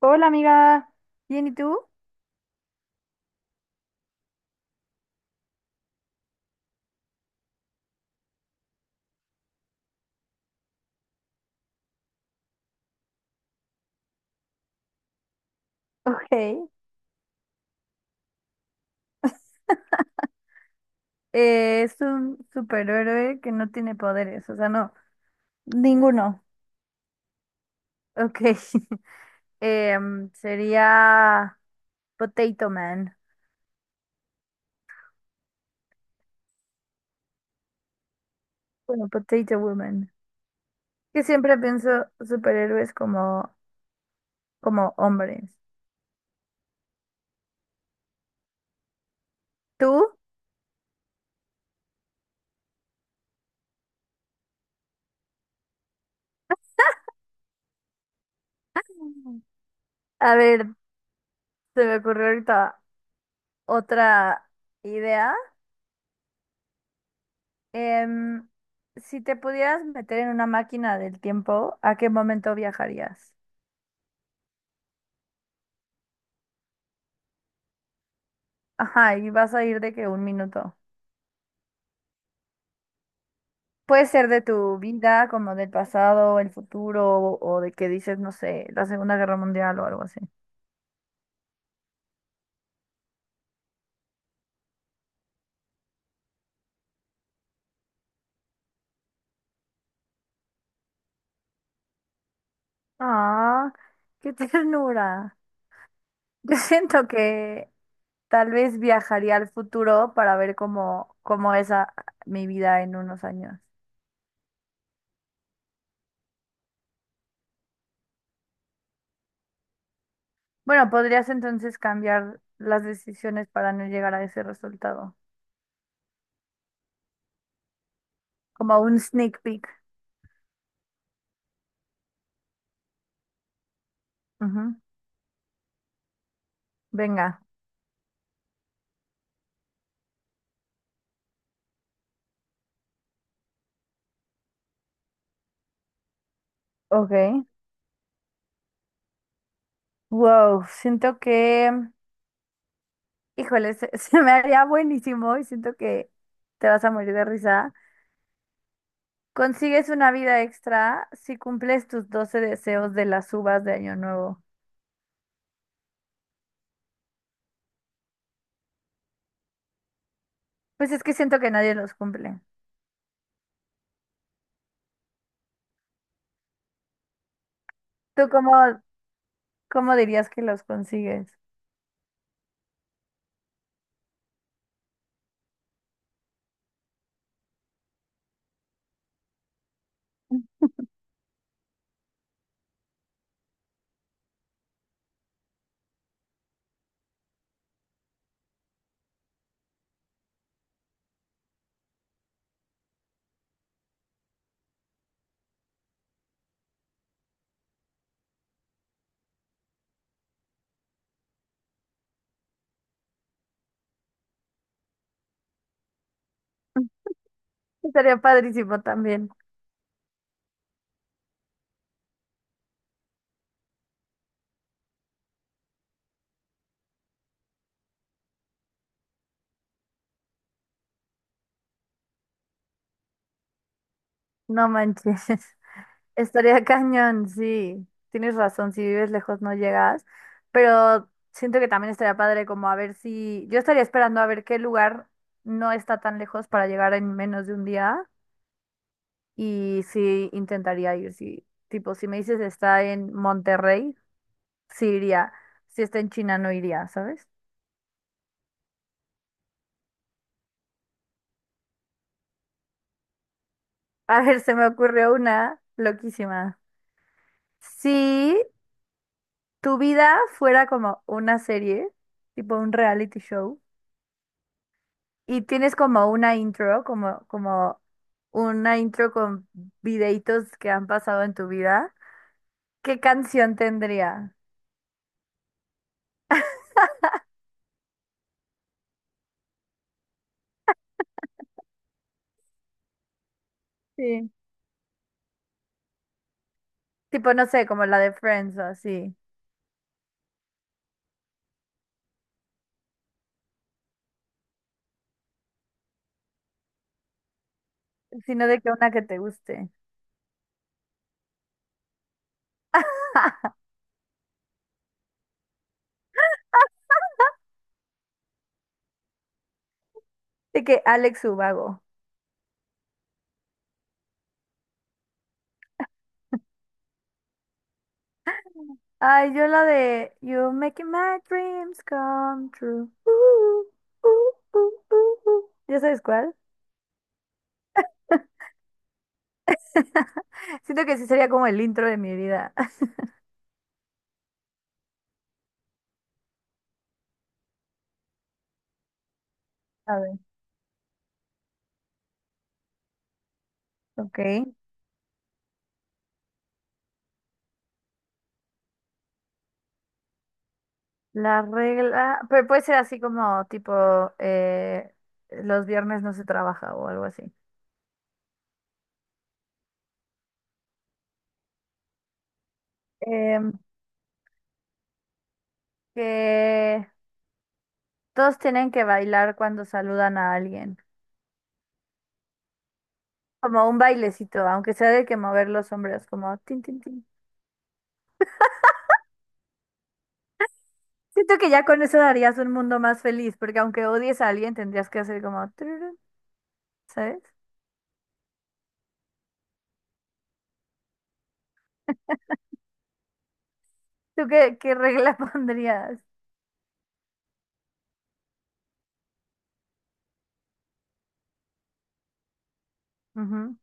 Hola amiga, bien, ¿y tú? Ok. Es un superhéroe que no tiene poderes, o sea, no. Ninguno. Ok. Sería Potato Man, bueno, Potato Woman. Que siempre pienso superhéroes como hombres. ¿Tú? A ver, se me ocurrió ahorita otra idea. Em, si te pudieras meter en una máquina del tiempo, ¿a qué momento viajarías? Ajá, y vas a ir de que un minuto. Puede ser de tu vida, como del pasado, el futuro, o de que dices, no sé, la Segunda Guerra Mundial o algo así. Ah, qué ternura. Yo siento que tal vez viajaría al futuro para ver cómo es mi vida en unos años. Bueno, podrías entonces cambiar las decisiones para no llegar a ese resultado, como un sneak peek. Ujú. Venga, ok. Wow, siento que híjole, se me haría buenísimo y siento que te vas a morir de risa. Consigues una vida extra si cumples tus 12 deseos de las uvas de Año Nuevo. Pues es que siento que nadie los cumple. ¿Tú cómo dirías que los consigues? Sería padrísimo también. No manches. Estaría cañón, sí. Tienes razón, si vives lejos no llegas, pero siento que también estaría padre como a ver si yo estaría esperando a ver qué lugar no está tan lejos para llegar en menos de un día y sí intentaría ir, sí. Tipo, si me dices está en Monterrey, sí iría. Si está en China no iría, ¿sabes? A ver, se me ocurrió una loquísima. Si tu vida fuera como una serie, tipo un reality show, y tienes como una intro, como una intro con videitos que han pasado en tu vida. ¿Qué canción tendría? Sí. Tipo, no sé, como la de Friends o así. Sino de que una que te guste. De que Alex Ubago. Ay, yo la de You're making my dreams come true. ¿Ya sabes cuál? Siento que sí sería como el intro de mi vida. A ver, ok. La regla, pero puede ser así como tipo eh, los viernes no se trabaja o algo así. Em, que todos tienen que bailar cuando saludan a alguien, como un bailecito, aunque sea de que mover los hombros, como tin, tin, tin. Siento que ya con eso darías un mundo más feliz, porque aunque odies a alguien tendrías que hacer como tururú, ¿sabes? ¿Tú qué regla pondrías? Ujú,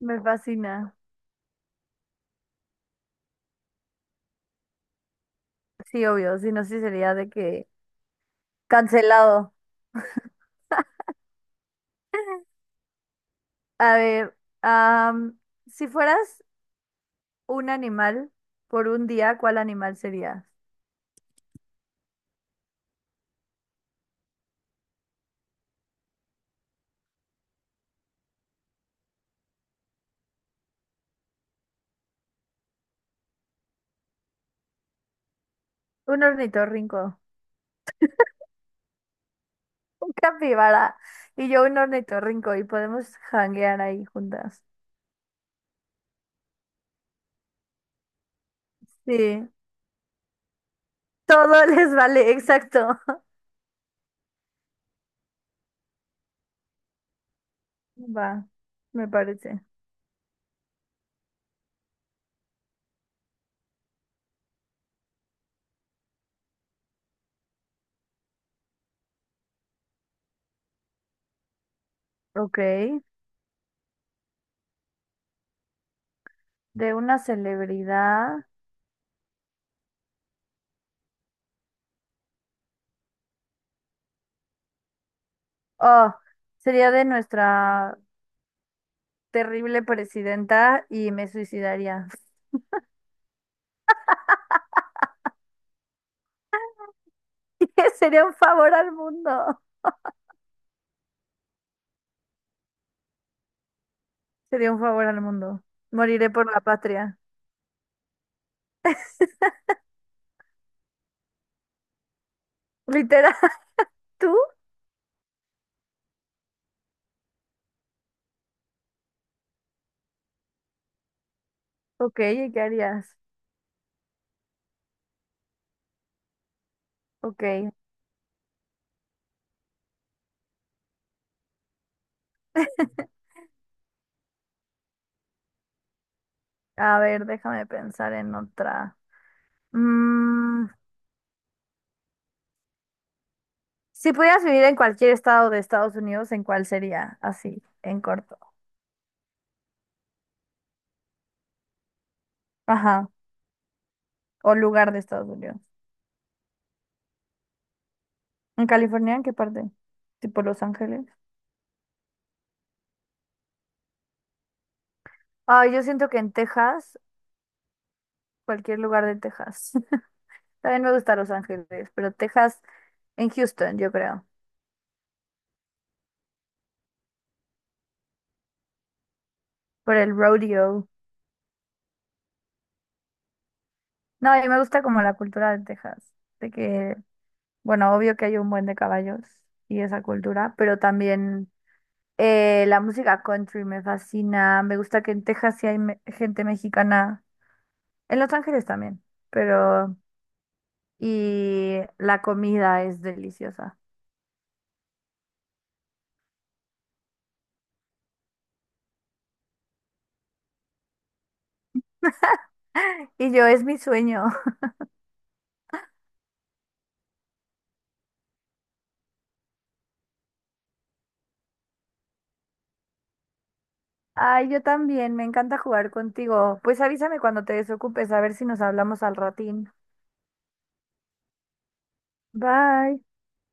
me fascina. Sí, obvio, si no, sí sería de que cancelado. A ver, am, si fueras un animal por un día, ¿cuál animal serías? Un ornitorrinco, un capibara y yo un ornitorrinco y podemos janguear ahí juntas. Sí, todo les vale, exacto. Va, me parece. Ok, de una celebridad. Oh, sería de nuestra terrible presidenta y me suicidaría. Sería un favor al mundo. Sería un favor al mundo. Moriré por la patria. ¿Literal tú? Ok, ¿y qué harías? Ok, a ver, déjame pensar en otra. Mm, si pudieras vivir en cualquier estado de Estados Unidos, ¿en cuál sería? Así, en corto. Ajá, o lugar de Estados Unidos. ¿En California? ¿En qué parte? ¿Tipo Los Ángeles? Ay, yo siento que en Texas, cualquier lugar de Texas. También me gusta Los Ángeles, pero Texas, en Houston, yo creo, por el rodeo. No, y me gusta como la cultura de Texas, de que, bueno, obvio que hay un buen de caballos y esa cultura, pero también la música country me fascina, me gusta que en Texas sí hay gente mexicana, en Los Ángeles también, pero y la comida es deliciosa. Y yo es mi sueño. Ay, yo también, me encanta jugar contigo. Pues avísame cuando te desocupes, a ver si nos hablamos al ratín. Bye.